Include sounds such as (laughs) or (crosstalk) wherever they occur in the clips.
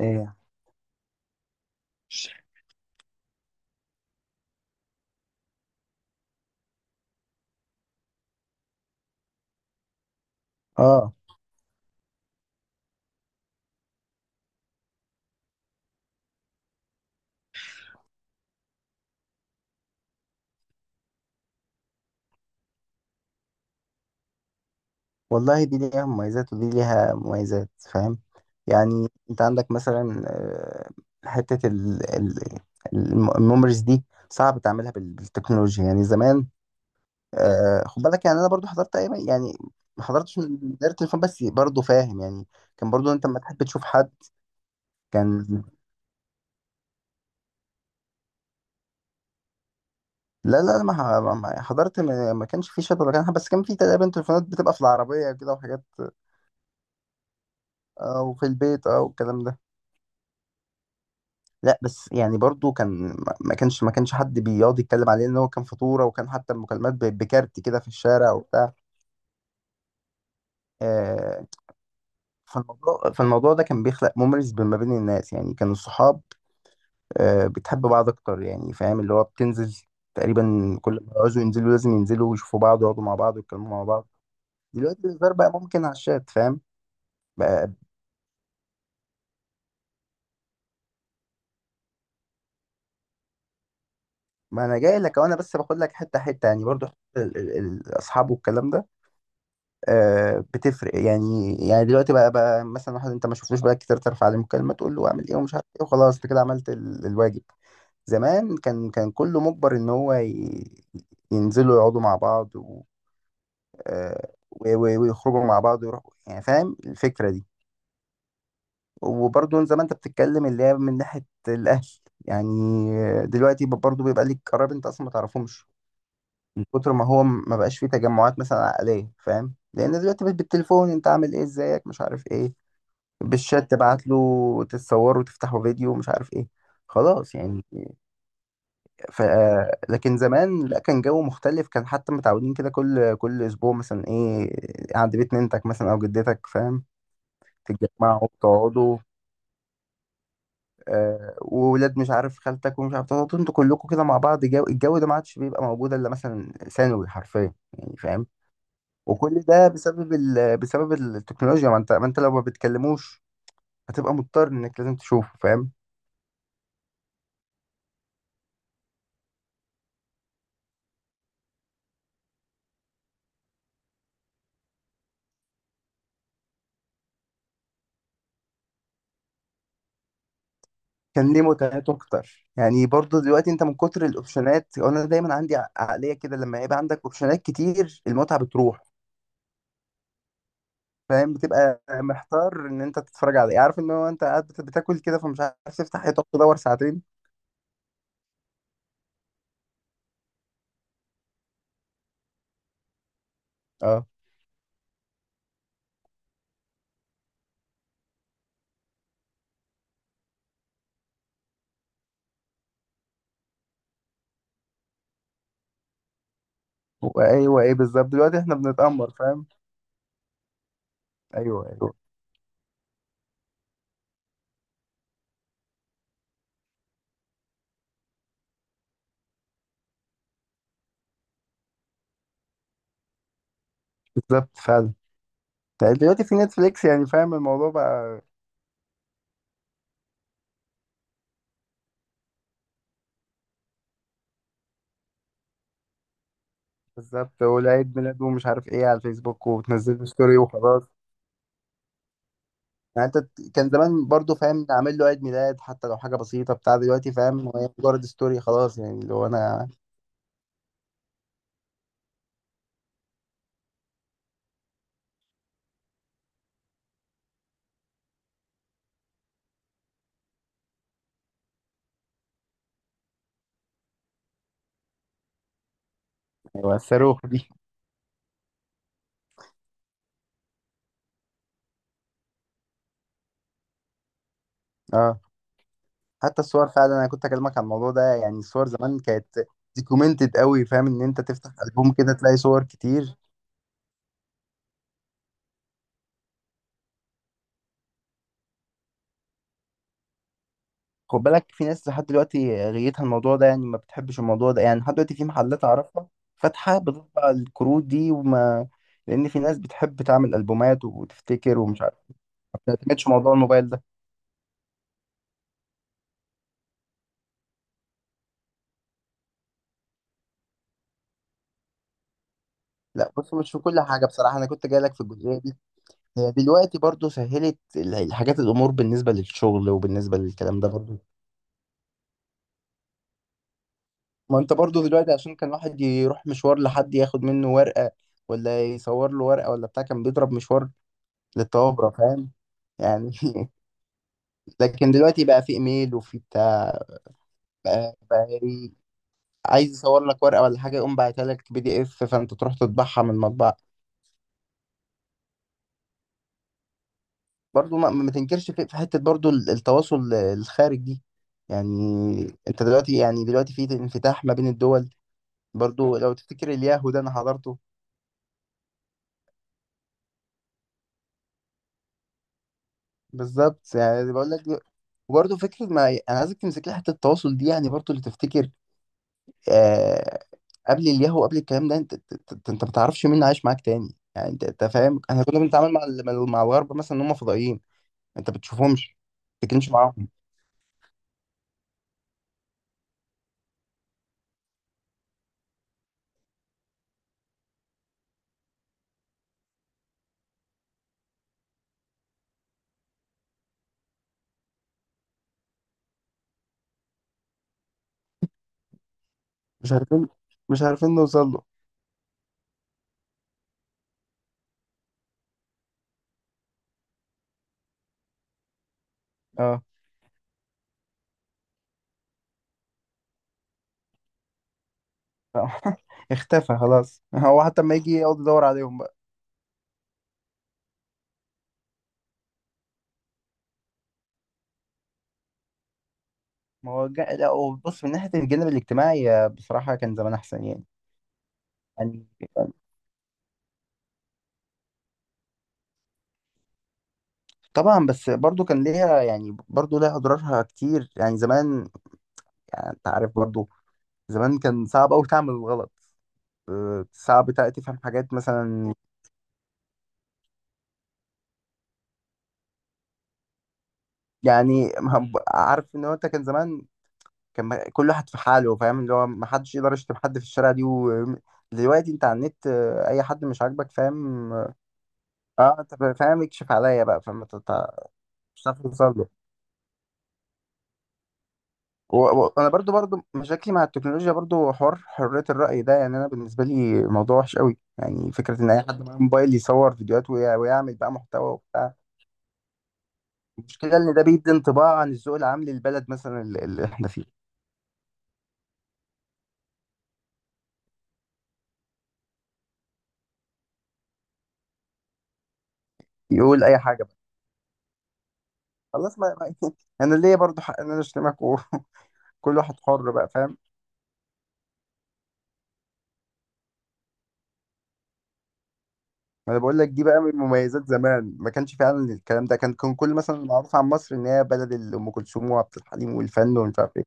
ايه، اه، والله دي ليها مميزات ودي ليها مميزات، فاهم؟ يعني انت عندك مثلا حتة الميموريز دي، صعب تعملها بالتكنولوجيا يعني زمان. خد بالك، يعني انا برضو حضرت ايام يعني، ما حضرتش من دايرة الفن بس برضو فاهم يعني. كان برضو انت لما تحب تشوف حد كان. لا لا، ما ح- ما- ما- حضرت، ما كانش في شات ولا كان حاجة، بس كان في تقريبا تليفونات بتبقى في العربية كده وحاجات، او في البيت او الكلام ده. لا بس يعني برضو كان ما كانش حد بيقعد يتكلم عليه ان هو كان فطوره، وكان حتى المكالمات بكارت كده في الشارع وبتاع. آه، فالموضوع ده كان بيخلق مميز ما بين الناس، يعني كان الصحاب بتحب بعض اكتر، يعني فاهم اللي هو بتنزل تقريبا كل ما يعوزوا ينزلوا لازم ينزلوا ويشوفوا بعض ويقعدوا مع بعض ويتكلموا مع بعض. دلوقتي الهزار بقى ممكن على الشات، فاهم؟ بقى- ما انا جاي لك، وانا بس باخد لك حته حته، يعني برضو الاصحاب والكلام ده بتفرق، يعني دلوقتي بقى مثلا واحد انت ما شفتوش بقالك كتير، ترفع عليه مكالمه تقول له اعمل ايه ومش عارف ايه، وخلاص انت كده عملت الواجب. زمان كان كله مجبر ان هو ينزلوا يقعدوا مع بعض و... آه، و- و- ويخرجوا مع بعض ويروحوا يعني، فاهم الفكره دي. وبرضه زي ما انت بتتكلم، اللي هي من ناحيه الاهل يعني، دلوقتي برضه بيبقى ليك قرايب انت اصلا ما تعرفهمش، من كتر ما هو ما بقاش فيه تجمعات مثلا عائليه، فاهم؟ لان دلوقتي بقت بالتليفون، انت عامل ايه، ازيك، مش عارف ايه، بالشات تبعت له، تتصور وتفتحوا فيديو، مش عارف ايه، خلاص يعني. ف... لكن زمان لا، كان جو مختلف، كان حتى متعودين كده كل كل اسبوع مثلا ايه، عند بيت ننتك مثلا او جدتك، فاهم؟ تتجمعوا تقعدوا، وولاد مش عارف خالتك ومش عارف، تقعدوا انتوا كلكم كده مع بعض، جو الجو ده ما عادش بيبقى موجود الا مثلا ثانوي حرفيا يعني، فاهم؟ وكل ده بسبب بسبب التكنولوجيا. ما انت لو ما بتكلموش هتبقى مضطر انك لازم تشوفه، فاهم؟ كان ليه متعته اكتر يعني. برضو دلوقتي انت من كتر الاوبشنات، انا دايما عندي عقليه كده، لما يبقى عندك اوبشنات كتير المتعه بتروح، فاهم؟ بتبقى محتار ان انت تتفرج على ايه، عارف ان هو انت قاعد بتاكل كده فمش عارف تفتح ايه، تقعد تدور ساعتين. اه، وايوه، ايه بالظبط، دلوقتي احنا بنتامر، فاهم؟ ايوه ايوه، بالظبط، فعلا. طيب دلوقتي في نتفليكس يعني، فاهم الموضوع بقى. بالظبط، والعيد ميلاد ومش عارف ايه على الفيسبوك، وتنزل له ستوري وخلاص. يعني انت، كان زمان برضو، فاهم، نعمل له عيد ميلاد حتى لو حاجه بسيطه بتاع. دلوقتي فاهم وهي مجرد ستوري خلاص، يعني اللي هو انا. ايوه الصاروخ دي. اه، حتى الصور فعلا، انا كنت اكلمك عن الموضوع ده، يعني الصور زمان كانت ديكومنتد قوي، فاهم ان انت تفتح البوم كده تلاقي صور كتير. خد بالك، في ناس لحد دلوقتي غيتها الموضوع ده يعني، ما بتحبش الموضوع ده يعني، لحد دلوقتي في محلات اعرفها فاتحه بتطبع الكروت دي، وما، لان في ناس بتحب تعمل البومات وتفتكر ومش عارف، ما بتعتمدش موضوع الموبايل ده. لا بص، مش في كل حاجه بصراحه، انا كنت جاي لك في الجزئيه دي. هي دلوقتي برضو سهلت الحاجات، الامور بالنسبه للشغل وبالنسبه للكلام ده برضو. ما انت برضو دلوقتي، عشان كان واحد يروح مشوار لحد ياخد منه ورقه، ولا يصور له ورقه ولا بتاع، كان بيضرب مشوار للطوابره، فاهم يعني. (laughs) لكن دلوقتي بقى في ايميل وفي بتاع، بقى عايز يصور لك ورقه ولا حاجه، يقوم باعتها لك PDF، فانت تروح تطبعها من المطبعه. برضو ما تنكرش في حتة برضو التواصل الخارج دي يعني. انت دلوقتي يعني دلوقتي في انفتاح ما بين الدول. برضو لو تفتكر الياهو ده انا حضرته. بالظبط يعني بقول لك. وبرضه فكرة، ما أنا عايزك تمسك لي حتة التواصل دي، يعني برضه اللي تفتكر آه قبل الياهو، قبل الكلام ده، أنت ما تعرفش مين عايش معاك تاني. يعني أنت فاهم، إحنا كنا بنتعامل مع مع الغرب مثلا إن هم فضائيين. أنت بتشوفهمش، ما بتتكلمش معاهم، مش عارفين مش عارفين نوصل له. اه. (laughs) اختفى خلاص، هو حتى لما يجي يقعد يدور عليهم بقى. ما هو لا هو بص، من ناحية الجانب الاجتماعي بصراحة كان زمان أحسن يعني طبعا بس برضو كان ليها، يعني برضو ليها أضرارها كتير يعني زمان. يعني أنت عارف برضو، زمان كان صعب أوي تعمل الغلط. صعب تفهم حاجات مثلا، يعني عارف إن هو أنت كان زمان، كان كل واحد في حاله، فاهم اللي هو ما حدش يقدر يشتم حد في الشارع دي دلوقتي أنت على النت أي حد مش عاجبك، فاهم؟ اه، انت فاهم، يكشف عليا بقى، مش عارف توصل له. وانا برضو مشاكلي مع التكنولوجيا، برضو حوار حرية الرأي ده، يعني انا بالنسبة لي موضوع وحش قوي، يعني فكرة ان اي حد معاه موبايل يصور فيديوهات ويعمل بقى محتوى وبتاع. المشكلة ان ده بيدي انطباع عن الذوق العام للبلد مثلا، اللي احنا فيه، يقول اي حاجة بقى، خلاص، (laughs) انا ليا برضو حق ان انا اشتمك وكل. (laughs) واحد حر بقى، فاهم. ما انا بقول لك، دي بقى من مميزات زمان ما كانش فعلا الكلام ده، كان كل مثلا معروف عن مصر ان هي بلد ام كلثوم وعبد الحليم والفن ومش عارف ايه.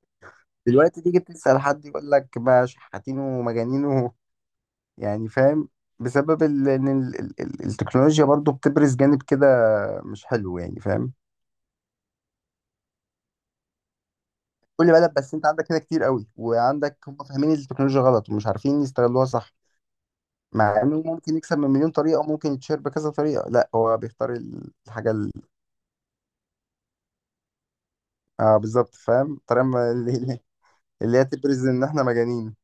دلوقتي تيجي تسال حد يقول لك ما شحاتين ومجانين (laughs) يعني فاهم، بسبب ال- ان ال- ال- ال- التكنولوجيا برضو بتبرز جانب كده، مش حلو يعني، فاهم. كل بلد، بس انت عندك كده كتير قوي، وعندك هم فاهمين التكنولوجيا غلط ومش عارفين يستغلوها صح. مع انه ممكن يكسب من مليون طريقه، وممكن يتشير بكذا طريقه، لا هو بيختار الحاجه اه، بالظبط فاهم، الطريقه (laughs) اللي هي تبرز ان احنا مجانين.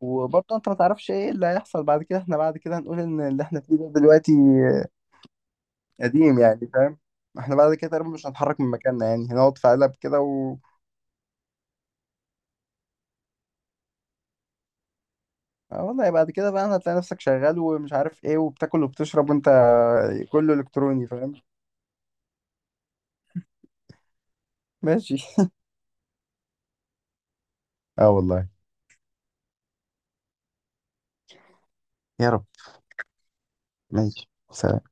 وبرضه انت ما تعرفش ايه اللي هيحصل بعد كده، احنا بعد كده هنقول ان اللي احنا فيه ده دلوقتي قديم يعني، فاهم. احنا بعد كده تقريبا مش هنتحرك من مكاننا يعني، هنقعد في قلب كده آه والله، بعد كده بقى هتلاقي نفسك شغال ومش عارف ايه، وبتاكل وبتشرب وانت كله الكتروني، فاهم. ماشي. اه والله. يا رب. ماشي سلام.